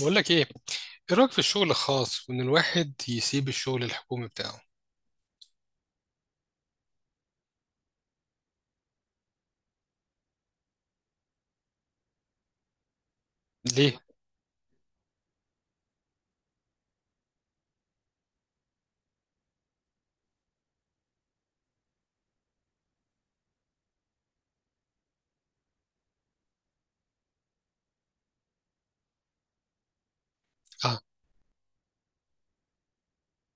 بقول لك ايه. ايه رايك في الشغل الخاص وان الواحد يسيب الشغل الحكومي بتاعه؟ ليه؟ اه.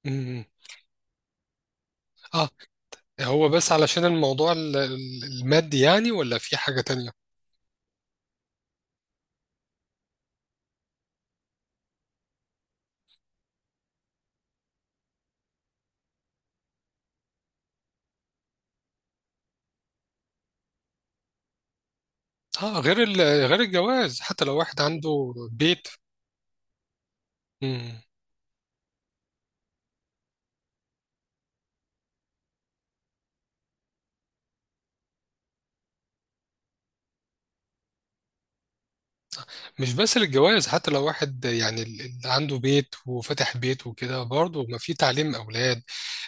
إمم. اه، هو بس علشان الموضوع المادي يعني ولا في حاجة تانية؟ اه، غير غير الجواز حتى لو واحد عنده بيت. إمم. مش بس للجواز، حتى لو واحد يعني اللي عنده بيت وفتح بيت وكده، برضه ما في تعليم أولاد،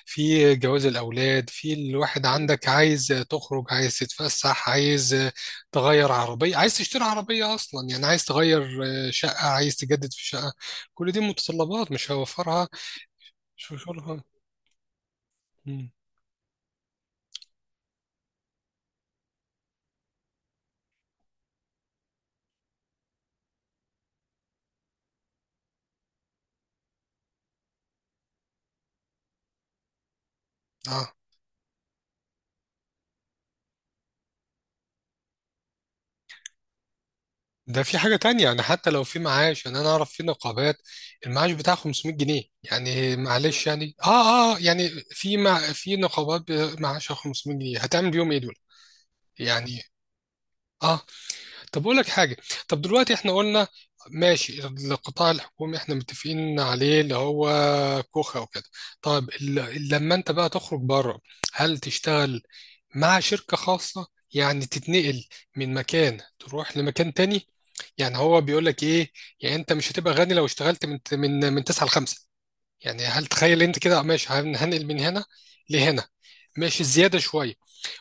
في جواز الأولاد، في الواحد عندك عايز تخرج، عايز تتفسح، عايز تغير عربية، عايز تشتري عربية أصلا يعني، عايز تغير شقة، عايز تجدد في شقة، كل دي متطلبات مش هيوفرها. شو شغلها؟ مم. ده في حاجة تانية يعني، حتى لو في معاش يعني، أنا أعرف في نقابات المعاش بتاعها 500 جنيه يعني، معلش يعني يعني في، مع في نقابات معاشها 500 جنيه، هتعمل بيهم إيه دول؟ يعني آه. طب أقول لك حاجة. طب دلوقتي إحنا قلنا ماشي، القطاع الحكومي إحنا متفقين عليه اللي هو كوخة وكده. طب لما أنت بقى تخرج بره، هل تشتغل مع شركة خاصة يعني، تتنقل من مكان تروح لمكان تاني؟ يعني هو بيقول لك ايه؟ يعني انت مش هتبقى غني لو اشتغلت من من 9 ل 5 يعني. هل تخيل انت كده ماشي، هنقل من هنا لهنا، ماشي، زيادة شوية،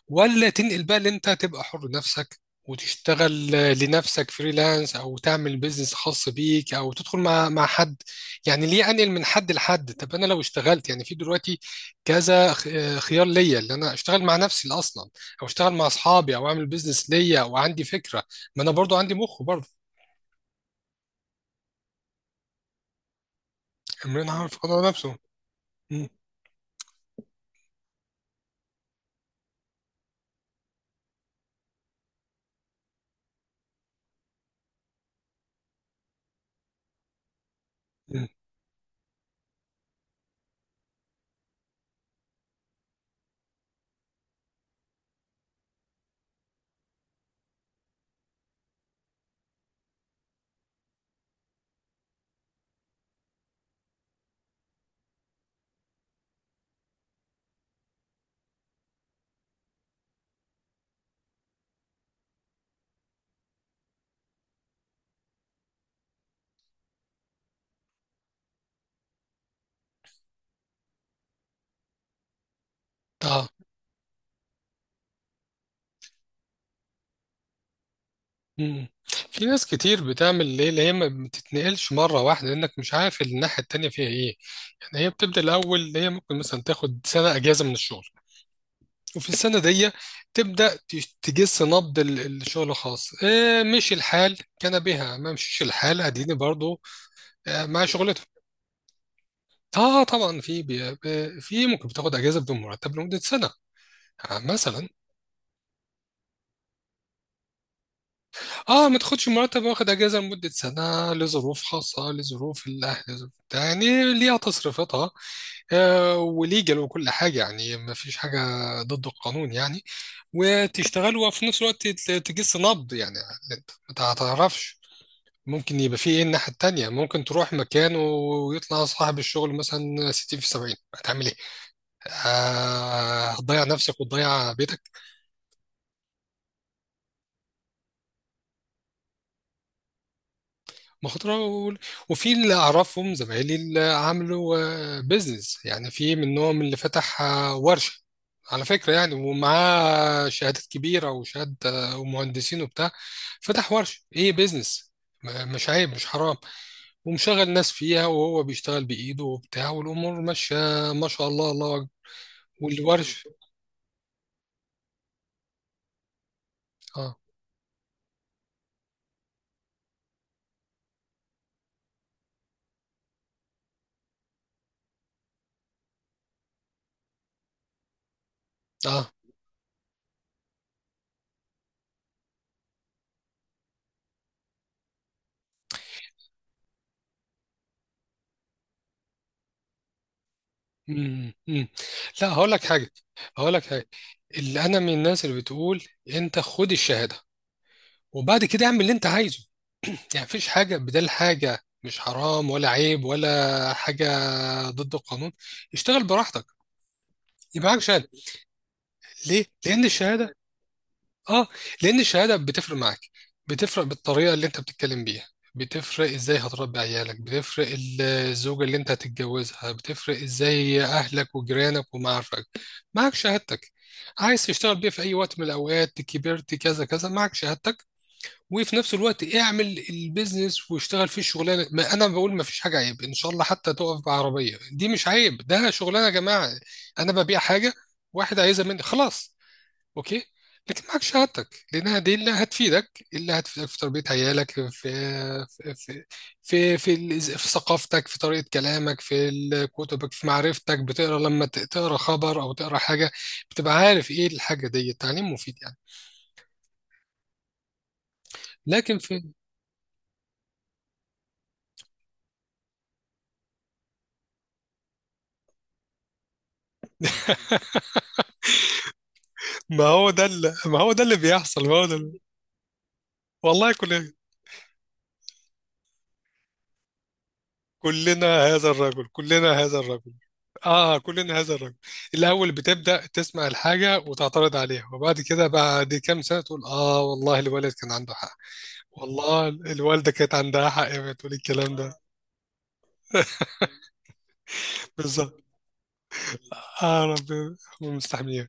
ولا تنقل بقى اللي انت تبقى حر نفسك وتشتغل لنفسك فريلانس، او تعمل بيزنس خاص بيك، او تدخل مع حد؟ يعني ليه انقل من حد لحد؟ طب انا لو اشتغلت يعني، في دلوقتي كذا خيار ليا، اللي انا اشتغل مع نفسي اصلا، او اشتغل مع اصحابي، او اعمل بيزنس ليا، او عندي فكره، ما انا برضو عندي مخ برضو. امرين عارف قدر نفسه. مم. مم. اه. مم. في ناس كتير بتعمل ليه، اللي هي ما بتتنقلش مره واحده لانك مش عارف الناحيه التانيه فيها ايه. هي بتبدأ الأول، اللي هي ممكن مثلا تاخد سنة أجازة من الشغل، وفي السنة دي تبدأ تجس نبض الشغل الخاص. آه، مشي الحال كان بها، ما مشيش الحال أديني برضو. آه، مع شغلته. اه طبعا، في في ممكن بتاخد اجازه بدون مرتب لمده سنه. آه مثلا. اه، ما تاخدش مرتب، واخد اجازه لمده سنه لظروف خاصه، لظروف الاهل، لظروف بتاع، يعني ليها تصريفاتها. آه، وليجل وكل حاجة يعني، ما فيش حاجة ضد القانون يعني. وتشتغل وفي نفس الوقت تجس نبض يعني. انت ما تعرفش ممكن يبقى في ايه الناحية التانية. ممكن تروح مكان ويطلع صاحب الشغل مثلا 60 في 70، هتعمل ايه؟ آه، هتضيع نفسك وتضيع بيتك. مخاطرة وفي اللي أعرفهم زمايلي اللي عملوا بيزنس يعني، في منهم اللي فتح آه، ورشة، على فكرة يعني، ومعاه شهادات كبيرة وشهادة آه، ومهندسين وبتاع. فتح ورشة، إيه، بيزنس، مش عيب، مش حرام. ومشغل ناس فيها وهو بيشتغل بإيده وبتاع، والأمور ماشية، ما شاء الله، الله أكبر. والورش. آه. آه. مم. مم. لا، هقول لك حاجة. هقول لك حاجة، اللي أنا من الناس اللي بتقول أنت خد الشهادة، وبعد كده اعمل اللي انت عايزه، يعني مفيش حاجة بدل حاجة، مش حرام ولا عيب ولا حاجة ضد القانون. اشتغل براحتك، يبقى معاك شهادة. ليه؟ لأن الشهادة. اه. لأن الشهادة بتفرق معاك، بتفرق بالطريقة اللي انت بتتكلم بيها، بتفرق ازاي هتربي عيالك، بتفرق الزوجة اللي انت هتتجوزها، بتفرق ازاي اهلك وجيرانك ومعارفك. معاك شهادتك، عايز تشتغل بيها في اي وقت من الاوقات، كبرت كذا كذا معك شهادتك. وفي نفس الوقت اعمل البيزنس واشتغل فيه الشغلانه. ما انا بقول ما فيش حاجه عيب ان شاء الله، حتى تقف بعربيه دي مش عيب، ده شغلانه يا جماعه. انا ببيع حاجه، واحد عايزها مني، خلاص، اوكي. لكن معاك شهادتك، لانها دي اللي هتفيدك، اللي هتفيدك في تربيه عيالك، في في في ثقافتك، في طريقه كلامك، في كتبك، في معرفتك بتقرا. لما تقرا خبر او تقرا حاجه، بتبقى عارف ايه الحاجه دي. التعليم مفيد يعني. لكن في. ما هو ده اللي ما هو ده اللي بيحصل ما هو ده اللي... والله كلنا، كلنا هذا الرجل، كلنا هذا الرجل. اه، كلنا هذا الرجل. الاول بتبدا تسمع الحاجه وتعترض عليها، وبعد كده بعد كام سنه تقول اه والله الوالد كان عنده حق. والله الوالده كانت عندها حق وهي بتقول الكلام ده. بالظبط. اه ربنا، هم مستحميين.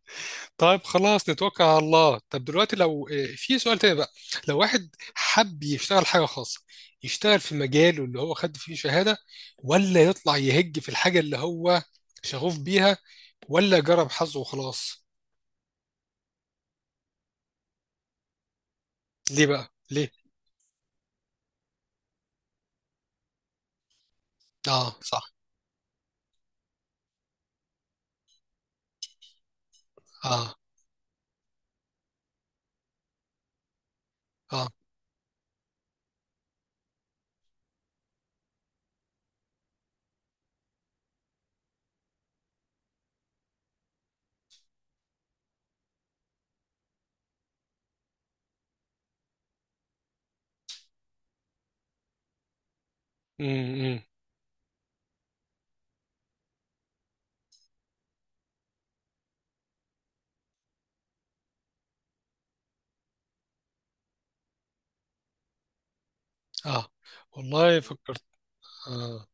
طيب خلاص، نتوكل على الله. طب دلوقتي لو آه، في سؤال تاني بقى، لو واحد حب يشتغل حاجة خاصة، يشتغل في مجاله اللي هو خد فيه شهادة، ولا يطلع يهج في الحاجة اللي هو شغوف بيها، ولا جرب حظه وخلاص؟ ليه بقى، ليه؟ اه صح. اه. اه. امم. اه والله فكرت. آه.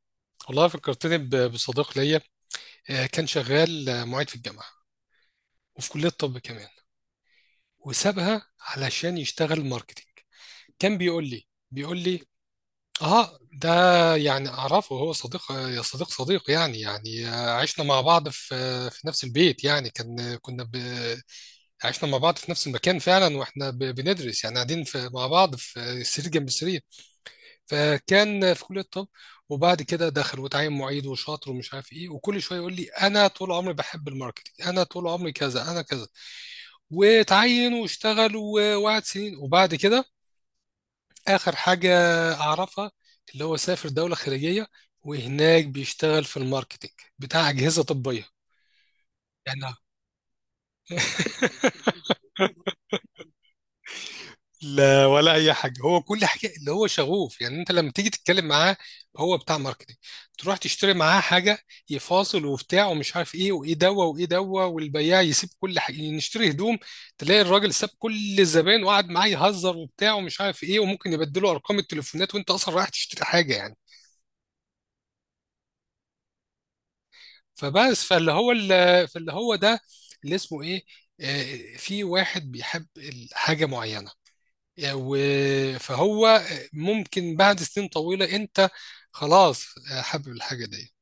والله فكرتني بصديق ليا، آه، كان شغال آه، معيد في الجامعة، وفي كلية طب كمان، وسابها علشان يشتغل ماركتينج. كان بيقول لي بيقول لي. اه ده يعني اعرفه، هو صديق، يا صديق صديق يعني يعني آه، عشنا مع بعض في في نفس البيت يعني، كان عشنا مع بعض في نفس المكان فعلا، واحنا بندرس يعني، قاعدين في... مع بعض في سرير جنب سرير. فكان في كلية الطب، وبعد كده دخل وتعين معيد وشاطر ومش عارف ايه، وكل شويه يقول لي انا طول عمري بحب الماركتينج، انا طول عمري كذا، انا كذا. وتعين واشتغل وقعد سنين، وبعد كده آخر حاجة أعرفها اللي هو سافر دولة خارجية، وهناك بيشتغل في الماركتينج بتاع أجهزة طبية يعني. لا ولا أي حاجة، هو كل حاجة اللي هو شغوف. يعني أنت لما تيجي تتكلم معاه، هو بتاع ماركتينج. تروح تشتري معاه حاجة، يفاصل وبتاع ومش عارف إيه، وإيه دوا وإيه دوا، والبياع يسيب كل حاجة. يعني نشتري هدوم، تلاقي الراجل ساب كل الزبائن وقعد معاه يهزر وبتاع ومش عارف إيه، وممكن يبدله أرقام التليفونات، وأنت أصلا رايح تشتري حاجة يعني. فبس، فاللي هو ده، اللي اسمه ايه، آه، في واحد بيحب حاجة معينة يعني فهو ممكن بعد سنين طويلة انت خلاص آه، حابب الحاجة دي.